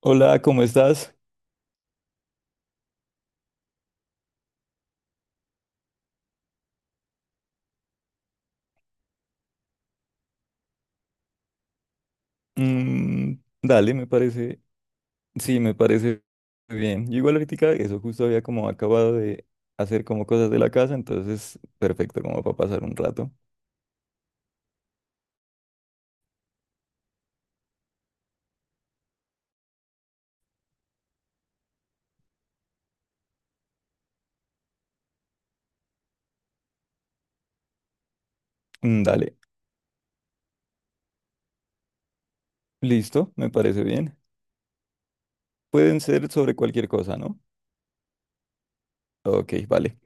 Hola, ¿cómo estás? Mm, dale, me parece, sí, me parece bien. Yo igual ahorita eso justo había como acabado de hacer como cosas de la casa, entonces perfecto como para pasar un rato. Mm, dale, listo, me parece bien. Pueden ser sobre cualquier cosa, ¿no? Ok, vale.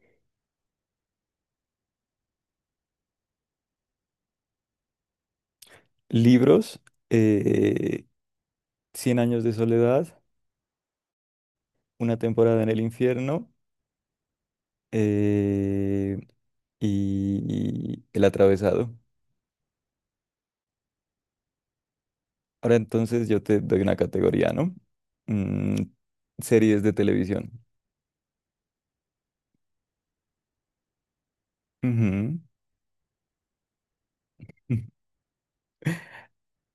Libros, eh, Cien años de soledad, Una temporada en el infierno eh, y El atravesado. Ahora entonces yo te doy una categoría, ¿no? Mm, series de televisión. Ujú.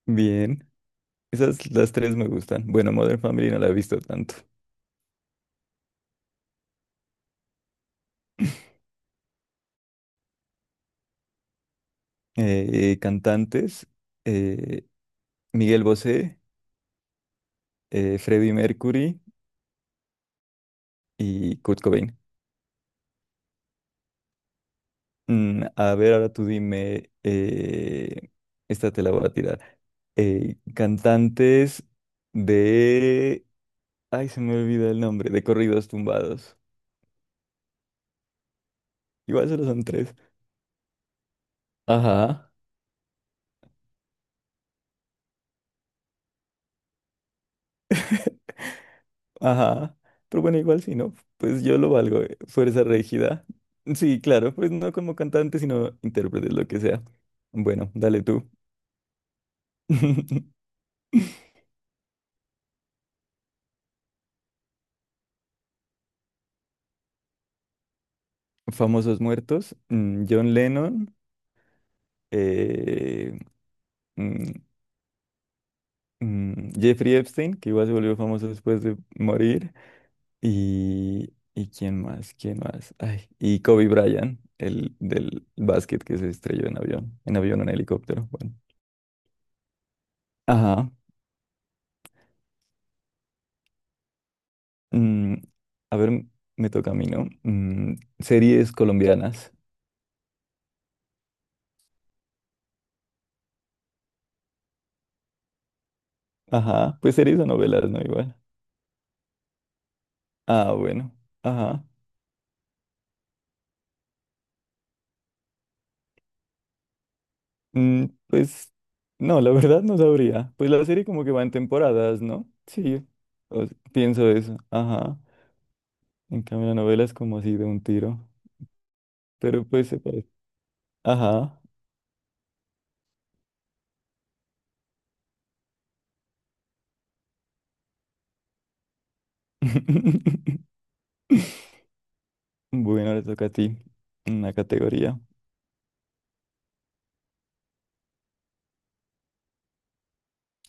Bien. Esas las tres me gustan. Bueno, Modern Family no la he visto tanto. Cantantes, eh, Miguel Bosé, Freddie Mercury y Kurt Cobain. Mm, a ver, ahora tú dime, esta te la voy a tirar. Cantantes de... Ay, se me olvida el nombre, de corridos tumbados. Igual solo son tres. Ajá, ajá. Pero bueno, igual si no, pues yo lo valgo, Fuerza rígida. Sí, claro, pues no como cantante, sino intérprete, lo que sea. Bueno, dale tú. Famosos muertos, mm, John Lennon, eh, mm, Jeffrey Epstein, que igual se volvió famoso después de morir, y quién más, ay, y Kobe Bryant, el del básquet que se estrelló en avión, en avión, en helicóptero, bueno. Ajá. Mm, a ver, me toca a mí, ¿no? Mm, series colombianas. Ajá, pues series o novelas, ¿no? Igual. Ah, bueno. Ajá. Mm, pues no, la verdad no sabría. Pues la serie como que va en temporadas, ¿no? Sí, pienso eso. Ajá. En cambio, la novela es como así de un tiro. Pero pues se parece. Ajá. Bueno, ahora toca a ti. Una categoría.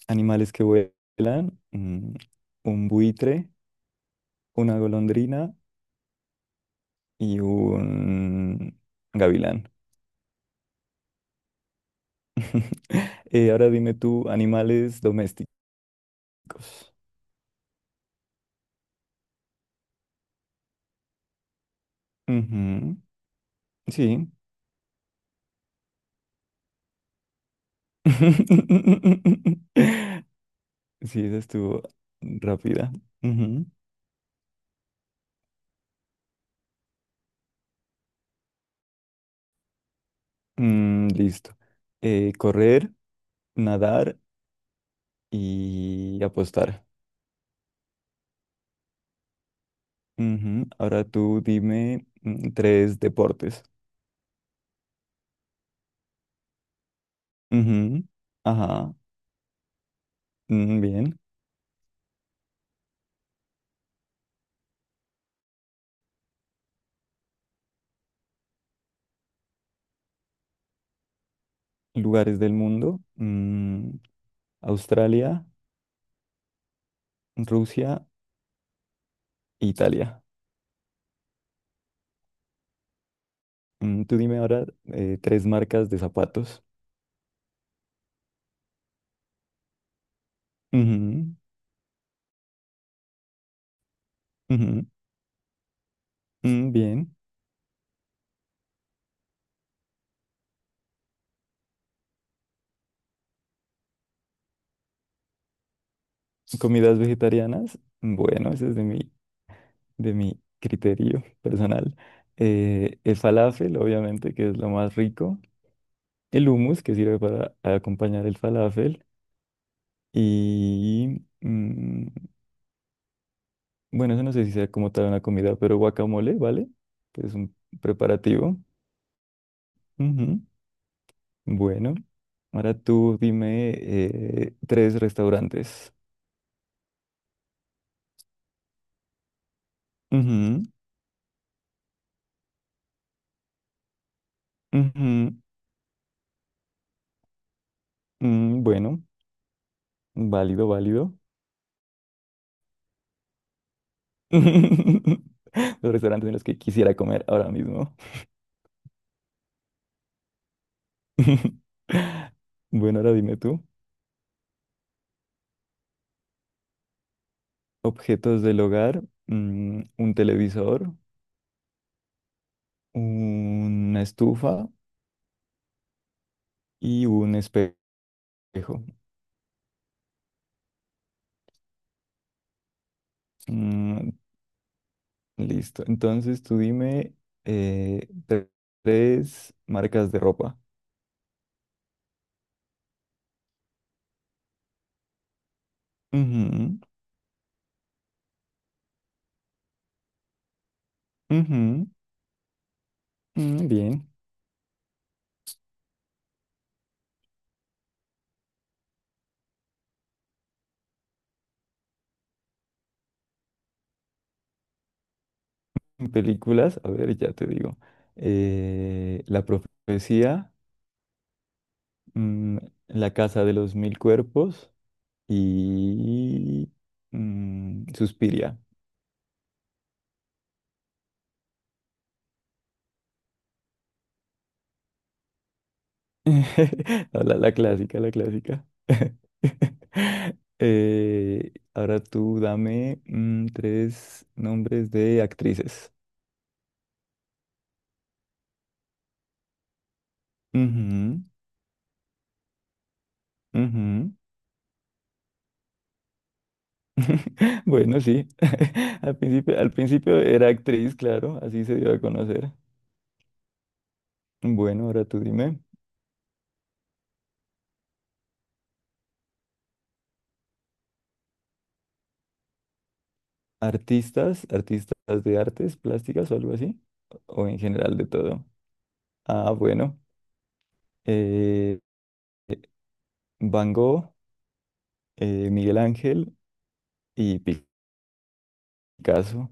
Animales que vuelan. Mm, un buitre, una golondrina y un gavilán. Ahora dime tú, animales domésticos. Ujú, sí. Sí, esa estuvo rápida. Ujú. Mm, listo. Correr, nadar y apostar. Ujú. Ahora tú dime mm, tres deportes. Ujú. Ajá. Mm, bien. Lugares del mundo. Mm, Australia, Rusia, Italia. Mm, tú dime ahora tres marcas de zapatos. Ujú, ujú, mm, bien. Comidas vegetarianas. Bueno, ese es de mi criterio personal. El falafel, obviamente, que es lo más rico. El hummus, que sirve para acompañar el falafel. Y mm, bueno, eso no sé si sea como tal una comida, pero guacamole, ¿vale? Que es un preparativo. Bueno, ahora tú dime tres restaurantes. Ujú, ujú, mm, bueno, válido, válido. Los restaurantes en los que quisiera comer ahora mismo. Bueno, ahora dime tú. Objetos del hogar, mm, un televisor, una estufa y un espejo. Mm, listo. Entonces tú dime eh, tre- tres marcas de ropa. Ujú, mm, bien. En películas, a ver, ya te digo. La profecía, mm, La casa de los mil cuerpos y mm, Suspiria. No, la clásica, la clásica. Ahora tú dame mm, tres nombres de actrices. Ujú, ujú. Bueno, sí. Al principio era actriz, claro, así se dio a conocer. Bueno, ahora tú dime, artistas, artistas de artes plásticas o algo así, o en general de todo. Ah, bueno, eh, Van Gogh, Miguel Ángel y Picasso.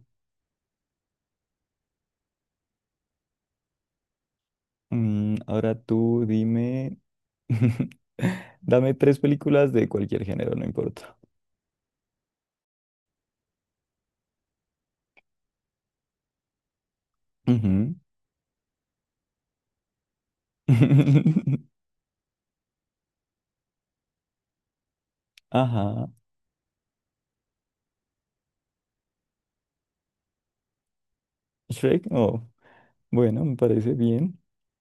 Mm, ahora tú dime, dame tres películas de cualquier género, no importa. Ujú. Ajá, Shrek, no. Bueno, me parece bien.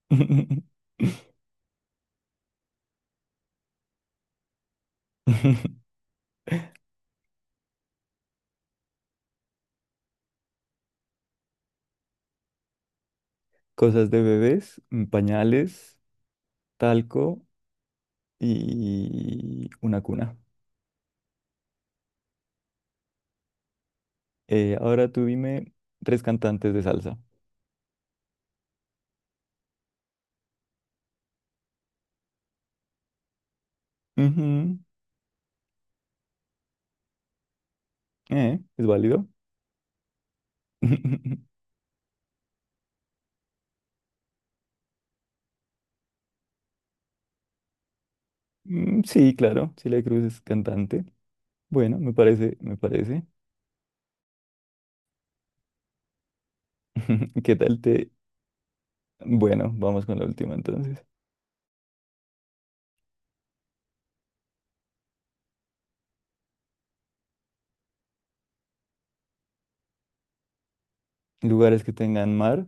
Cosas de bebés, mm, pañales, talco y una cuna. Ahora tú dime tres cantantes de salsa. Ujú, ¿es válido? Mm, sí, claro, Celia Cruz es cantante. Bueno, me parece, me parece. ¿Qué tal te...? Bueno, vamos con la última entonces. Lugares que tengan mar,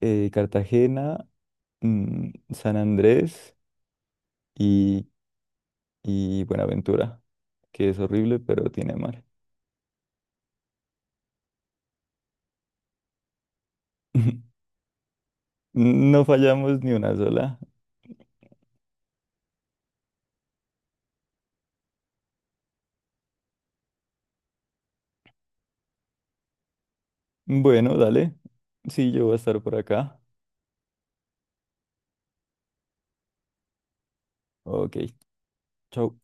Cartagena, mm, San Andrés y y Buenaventura, que es horrible, pero tiene mar. No fallamos ni una sola. Bueno, dale. Sí, yo voy a estar por acá. Ok, chau.